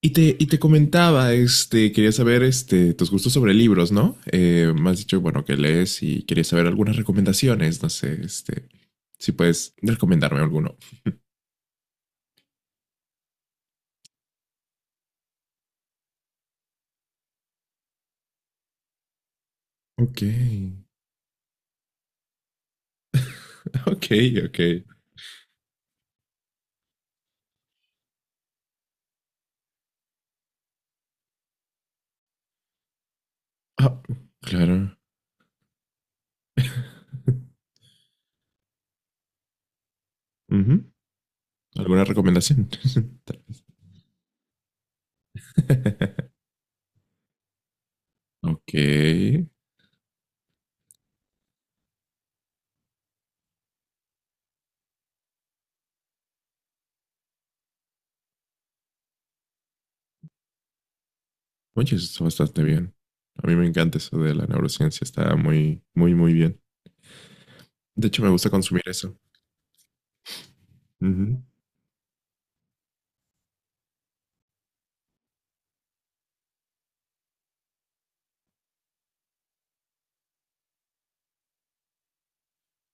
Y te comentaba, quería saber tus gustos sobre libros, ¿no? Me has dicho, bueno, que lees y quería saber algunas recomendaciones, no sé, si puedes recomendarme alguno. Ok, ok, ok. Ah, claro. Ujú. ¿Alguna recomendación? Ok. Oye, eso está bastante bien. A mí me encanta eso de la neurociencia, está muy, muy, muy bien. De hecho, me gusta consumir eso.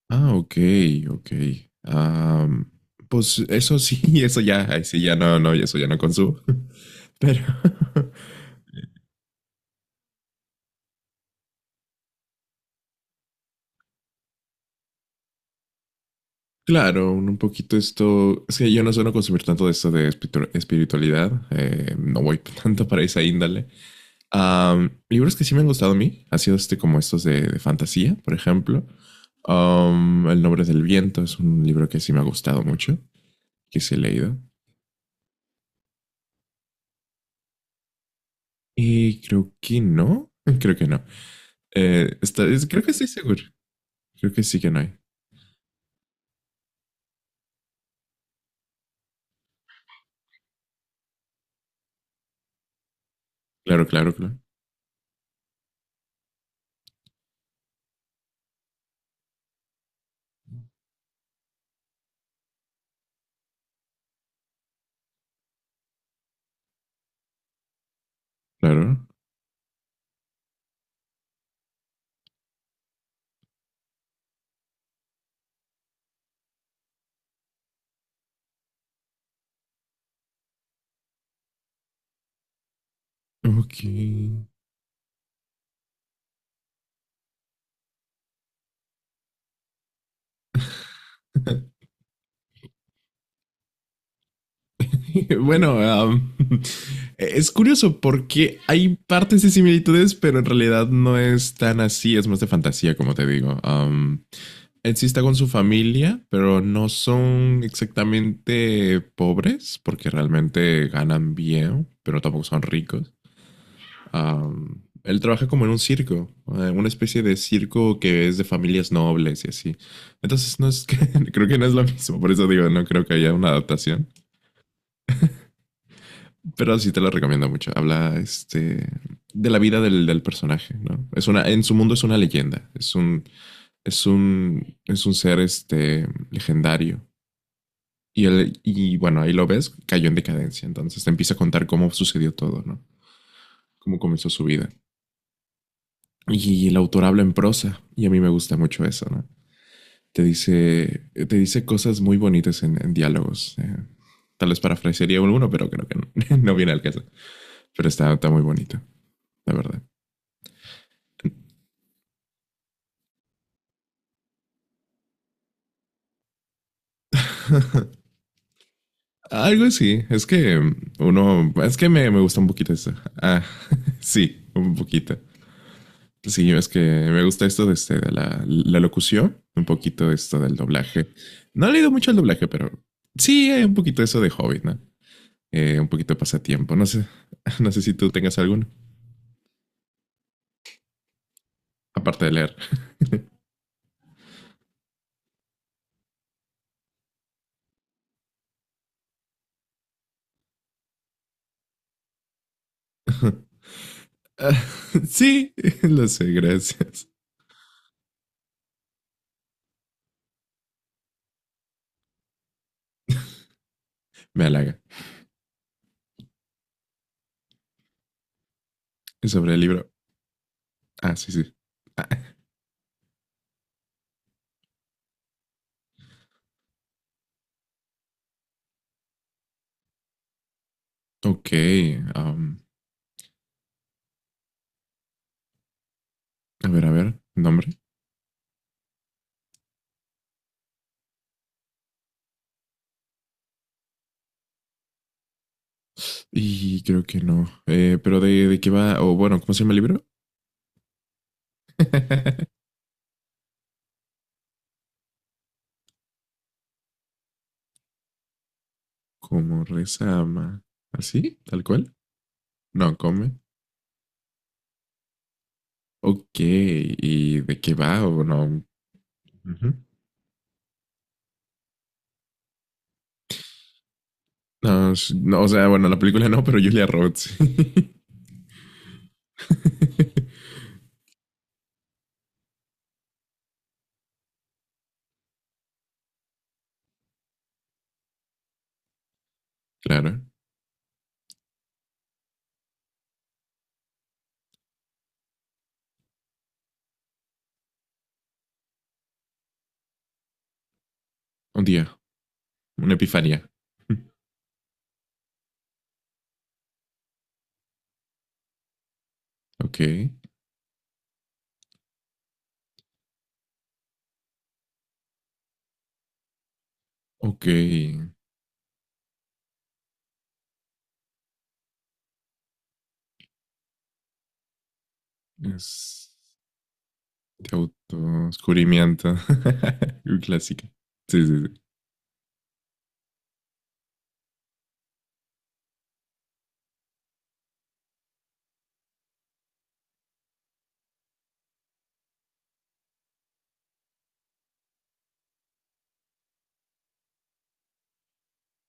Ah, ok, ok. Am, pues eso sí, eso ya, ay, sí, ya no, no, eso ya no consumo. Pero, claro, un poquito esto, es que yo no suelo consumir tanto de esto de espiritualidad, no voy tanto para esa índole. Libros que sí me han gustado a mí, ha sido este como estos de fantasía, por ejemplo. El nombre del viento es un libro que sí me ha gustado mucho, que sí he leído. Y creo que no, creo que no. Creo que estoy seguro. Creo que sí que no hay. Claro, claro, claro. Claro. Ok. Bueno, es curioso porque hay partes de similitudes, pero en realidad no es tan así. Es más de fantasía, como te digo. Ed sí está con su familia, pero no son exactamente pobres porque realmente ganan bien, pero tampoco son ricos. Él trabaja como en un circo, una especie de circo que es de familias nobles y así. Entonces, no es que, creo que no es lo mismo, por eso digo, no creo que haya una adaptación. Pero sí te lo recomiendo mucho. Habla este, de la vida del, del personaje, ¿no? Es una, en su mundo es una leyenda, es un ser este, legendario. Y, él, y bueno, ahí lo ves, cayó en decadencia. Entonces te empieza a contar cómo sucedió todo, ¿no? Cómo comenzó su vida. Y el autor habla en prosa y a mí me gusta mucho eso, ¿no? Te dice cosas muy bonitas en diálogos. Tal vez parafrasearía uno, pero creo que no, no viene al caso. Pero está, está muy bonito, la verdad. Algo así, es que uno, es que me gusta un poquito eso. Ah, sí, un poquito. Sí, es que me gusta esto de, de la, la locución, un poquito esto del doblaje. No he leído mucho el doblaje, pero sí, hay un poquito eso de Hobbit, ¿no? Un poquito de pasatiempo. No sé, no sé si tú tengas alguno, aparte de leer. Sí, lo sé, gracias. Me halaga. Sobre el libro. Ah, sí, sí. Ah, ok. um, a ver, a ver, nombre. Y creo que no. Pero de qué va, o oh, bueno, ¿cómo se llama el libro? Como reza ama. ¿Así? ¿Tal cual? No, come. Ok. ¿Y de qué va? O no. Ujú. No, s- no, o sea, bueno, la película no, pero Julia Roberts. Claro, un día, una epifanía. Ok, ok. Es de autodescubrimiento. Un clásico. Sí, sí, sí.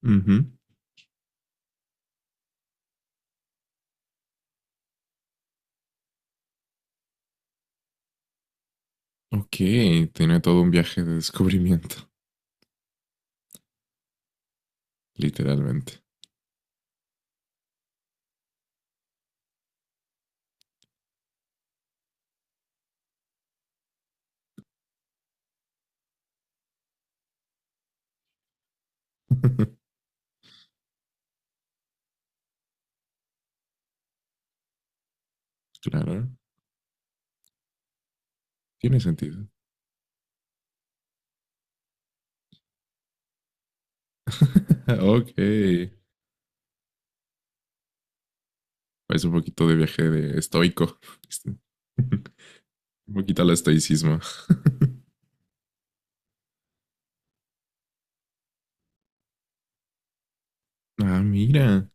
Ujú. Ok, tiene todo un viaje de descubrimiento, literalmente. Claro, tiene sentido. Ok, es un poquito de viaje de estoico. Un poquito al estoicismo. Ah, mira.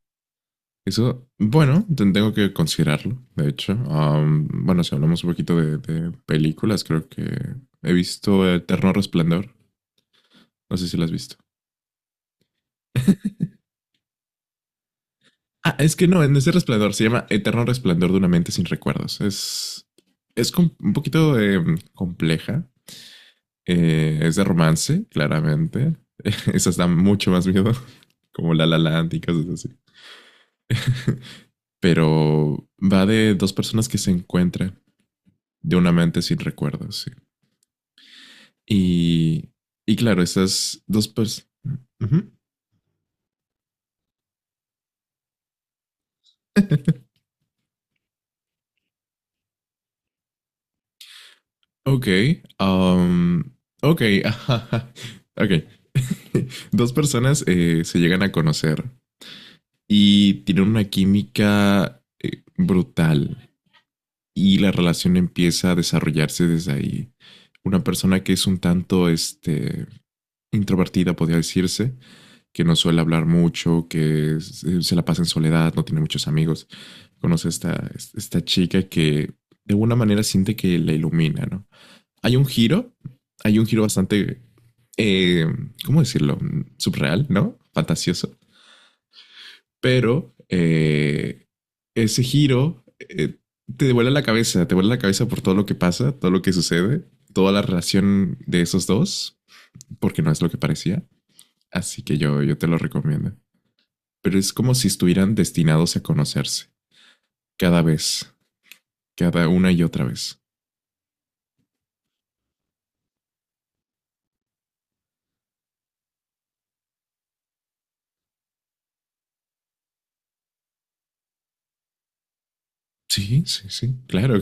Eso, bueno, tengo que considerarlo, de hecho. Bueno, si hablamos un poquito de películas, creo que he visto Eterno Resplandor. No sé si lo has visto. Ah, es que no, en ese Resplandor se llama Eterno Resplandor de una mente sin recuerdos. Un poquito compleja. Es de romance, claramente. Esas dan mucho más miedo, como La La Land y cosas así. Pero va de dos personas que se encuentran de una mente sin recuerdos, sí. Y, y claro, esas dos personas. Uh-huh. Ok. um, ok. Ok. Dos personas se llegan a conocer y tienen una química brutal y la relación empieza a desarrollarse desde ahí. Una persona que es un tanto este, introvertida, podría decirse, que no suele hablar mucho, que se la pasa en soledad, no tiene muchos amigos conoce a esta chica que de alguna manera siente que la ilumina, ¿no? Hay un giro, hay un giro bastante, eh, ¿cómo decirlo? Subreal, ¿no? Fantasioso. Pero ese giro te devuelve la cabeza, te vuelve la cabeza por todo lo que pasa, todo lo que sucede, toda la relación de esos dos, porque no es lo que parecía. Así que yo te lo recomiendo. Pero es como si estuvieran destinados a conocerse cada vez, cada una y otra vez. Sí, sí, sí, claro.